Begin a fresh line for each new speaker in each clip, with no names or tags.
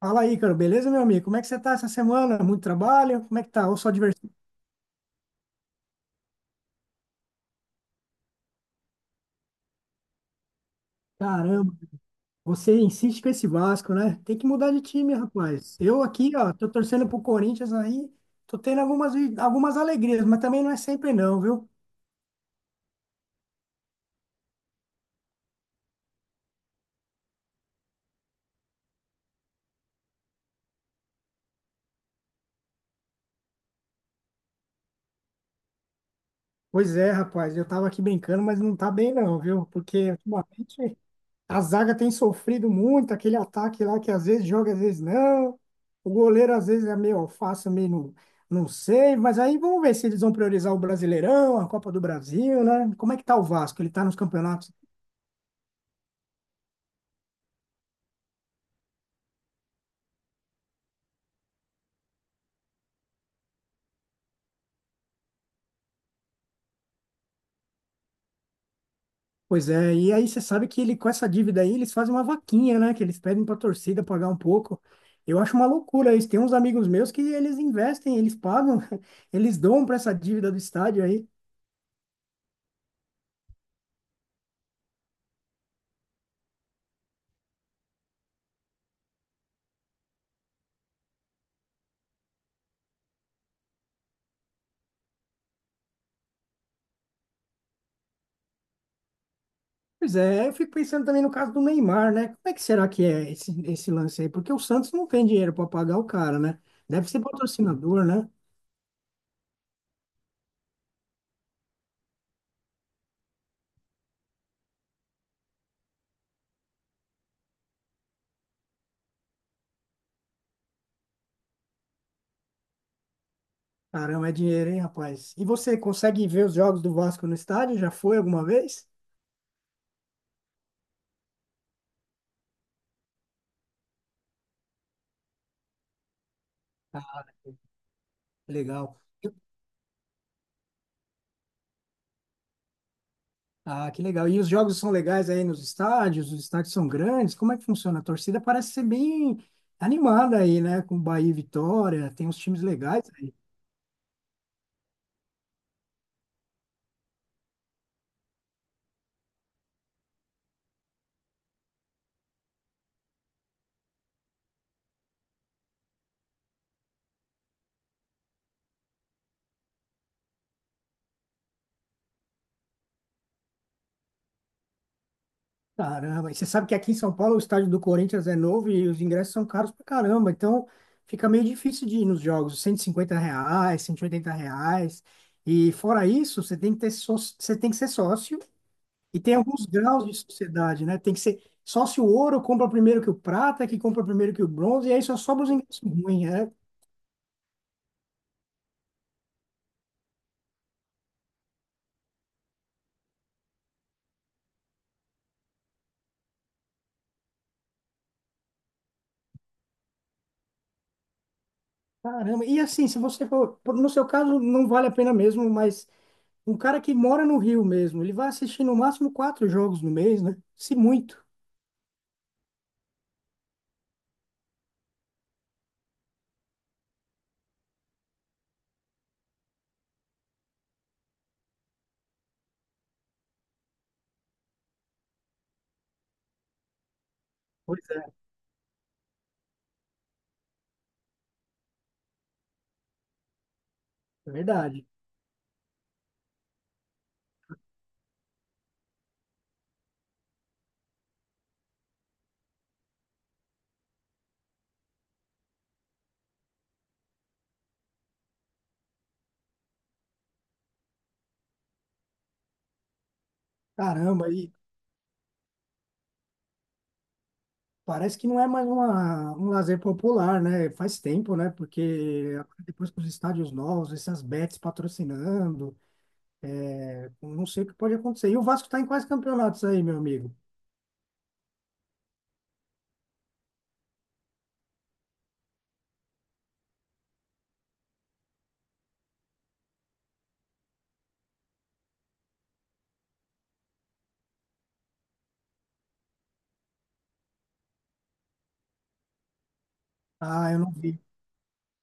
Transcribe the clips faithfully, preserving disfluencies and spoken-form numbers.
Fala aí, cara, beleza, meu amigo? Como é que você tá essa semana? Muito trabalho? Como é que tá? Ou só diversão? Caramba, você insiste com esse Vasco, né? Tem que mudar de time, rapaz. Eu aqui, ó, tô torcendo pro Corinthians aí, tô tendo algumas, vi- algumas alegrias, mas também não é sempre não, viu? Pois é, rapaz, eu tava aqui brincando, mas não tá bem não, viu? Porque ultimamente a zaga tem sofrido muito, aquele ataque lá que às vezes joga, às vezes não. O goleiro às vezes é meio alface, meio não, não sei. Mas aí vamos ver se eles vão priorizar o Brasileirão, a Copa do Brasil, né? Como é que tá o Vasco? Ele tá nos campeonatos? Pois é, e aí você sabe que ele com essa dívida aí, eles fazem uma vaquinha, né? Que eles pedem pra torcida pagar um pouco. Eu acho uma loucura isso. Tem uns amigos meus que eles investem, eles pagam, eles dão pra essa dívida do estádio aí. Pois é, eu fico pensando também no caso do Neymar, né? Como é que será que é esse, esse lance aí? Porque o Santos não tem dinheiro para pagar o cara, né? Deve ser patrocinador, né? Caramba, é dinheiro, hein, rapaz? E você consegue ver os jogos do Vasco no estádio? Já foi alguma vez? Ah, legal. Ah, que legal. E os jogos são legais aí nos estádios? Os estádios são grandes? Como é que funciona? A torcida parece ser bem animada aí, né? Com Bahia e Vitória, tem uns times legais. Caramba, e você sabe que aqui em São Paulo o estádio do Corinthians é novo e os ingressos são caros pra caramba, então fica meio difícil de ir nos jogos, cento e cinquenta reais, cento e oitenta reais, e fora isso, você tem que ter sócio, você tem que ser sócio, e tem alguns graus de sociedade, né? Tem que ser sócio ouro, compra primeiro que o prata, que compra primeiro que o bronze, e aí só sobra os ingressos ruins, né? Caramba, e assim, se você for, por- no seu caso não vale a pena mesmo, mas um cara que mora no Rio mesmo, ele vai assistir no máximo quatro jogos no mês, né? Se muito. Pois é, é verdade. Caramba, e parece que não é mais uma, um lazer popular, né? Faz tempo, né? Porque depois com os estádios novos, essas bets patrocinando, não sei o que pode acontecer. E o Vasco tá em quais campeonatos aí, meu amigo? Ah, eu não vi.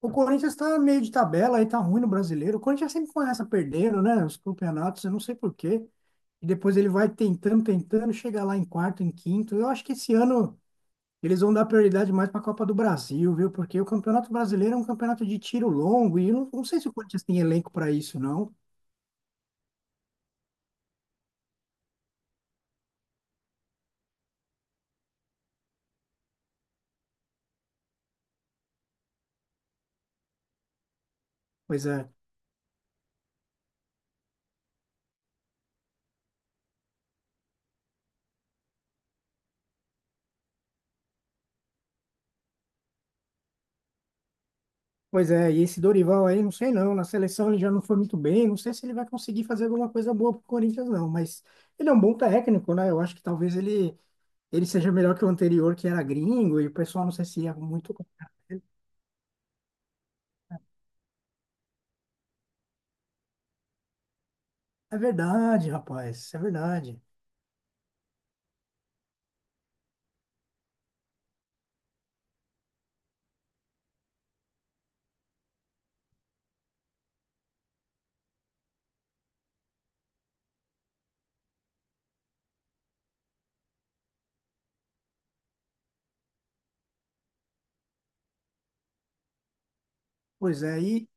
O Corinthians tá meio de tabela aí, tá ruim no brasileiro. O Corinthians sempre começa perdendo, né? Os campeonatos, eu não sei por quê. E depois ele vai tentando, tentando, chega lá em quarto, em quinto. Eu acho que esse ano eles vão dar prioridade mais para a Copa do Brasil, viu? Porque o Campeonato Brasileiro é um campeonato de tiro longo e eu não, não sei se o Corinthians tem elenco para isso, não. Pois é. Pois é, e esse Dorival aí, não sei não, na seleção ele já não foi muito bem, não sei se ele vai conseguir fazer alguma coisa boa pro Corinthians não, mas ele é um bom técnico, né? Eu acho que talvez ele ele seja melhor que o anterior, que era gringo, e o pessoal não sei se ia muito. É verdade, rapaz, é verdade. Pois é, e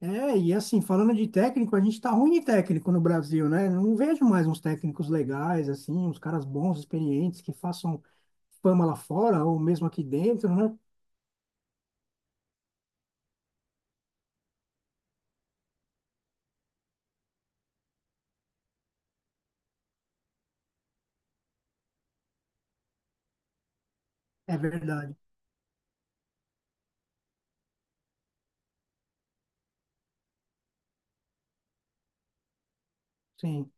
é, e assim, falando de técnico, a gente tá ruim de técnico no Brasil, né? Não vejo mais uns técnicos legais, assim, uns caras bons, experientes, que façam fama lá fora ou mesmo aqui dentro, né? É verdade, sim,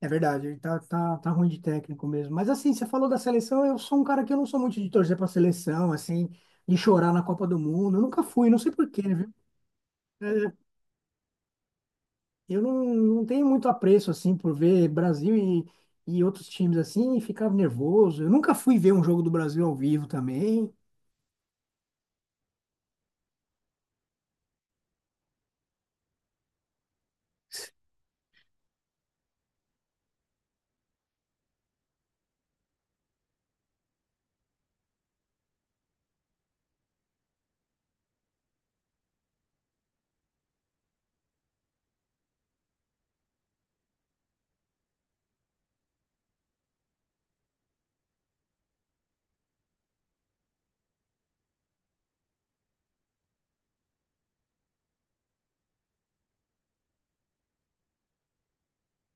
é verdade, ele tá, tá, tá ruim de técnico mesmo. Mas assim, você falou da seleção, eu sou um cara que eu não sou muito de torcer pra seleção, assim, de chorar na Copa do Mundo, eu nunca fui, não sei por quê, viu? É, eu não, não tenho muito apreço, assim, por ver Brasil e, e outros times assim, e ficava nervoso. Eu nunca fui ver um jogo do Brasil ao vivo também.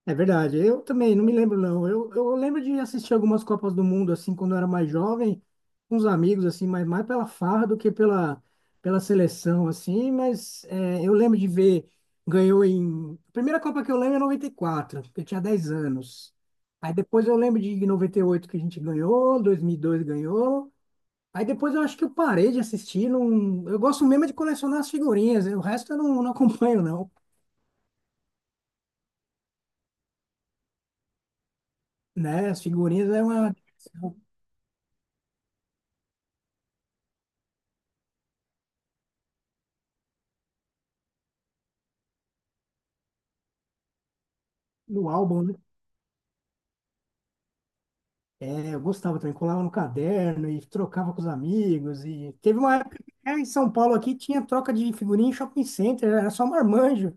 É verdade, eu também não me lembro, não. Eu, eu lembro de assistir algumas Copas do Mundo, assim, quando eu era mais jovem, com os amigos, assim, mas mais pela farra do que pela, pela seleção, assim. Mas é, eu lembro de ver, ganhou em. A primeira Copa que eu lembro é noventa e quatro, porque eu tinha dez anos. Aí depois eu lembro de noventa e oito que a gente ganhou, dois mil e dois ganhou. Aí depois eu acho que eu parei de assistir. Não... Eu gosto mesmo é de colecionar as figurinhas. O resto eu não, não acompanho, não. Né? As figurinhas é uma do álbum, né? É, eu gostava também, colava no caderno e trocava com os amigos. E teve uma época que, é, em São Paulo aqui tinha troca de figurinha em shopping center, era só marmanjo.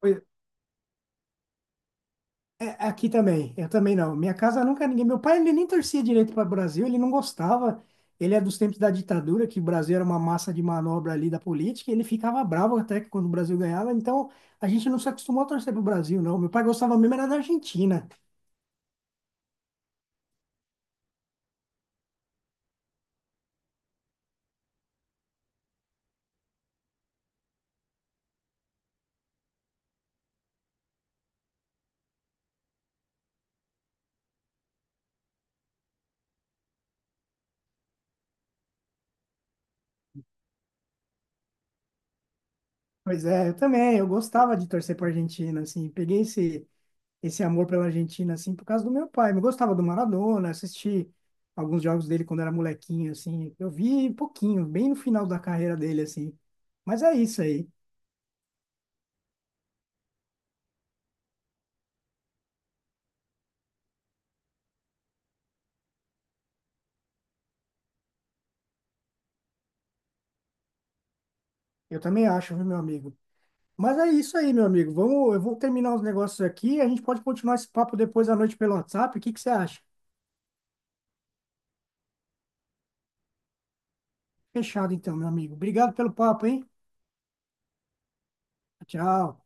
Foi- É, aqui também, eu também não. Minha casa nunca ninguém. Meu pai ele nem torcia direito para o Brasil, ele não gostava. Ele é dos tempos da ditadura, que o Brasil era uma massa de manobra ali da política, e ele ficava bravo até que quando o Brasil ganhava. Então a gente não se acostumou a torcer para o Brasil, não. Meu pai gostava mesmo era da Argentina. Pois é, eu também, eu gostava de torcer para Argentina, assim, peguei esse, esse amor pela Argentina, assim, por causa do meu pai. Eu gostava do Maradona, assisti alguns jogos dele quando era molequinho, assim. Eu vi pouquinho, bem no final da carreira dele, assim. Mas é isso aí. Eu também acho, viu, meu amigo? Mas é isso aí, meu amigo. Vamos, eu vou terminar os negócios aqui. E a gente pode continuar esse papo depois à noite pelo WhatsApp. O que que você acha? Fechado, então, meu amigo. Obrigado pelo papo, hein? Tchau.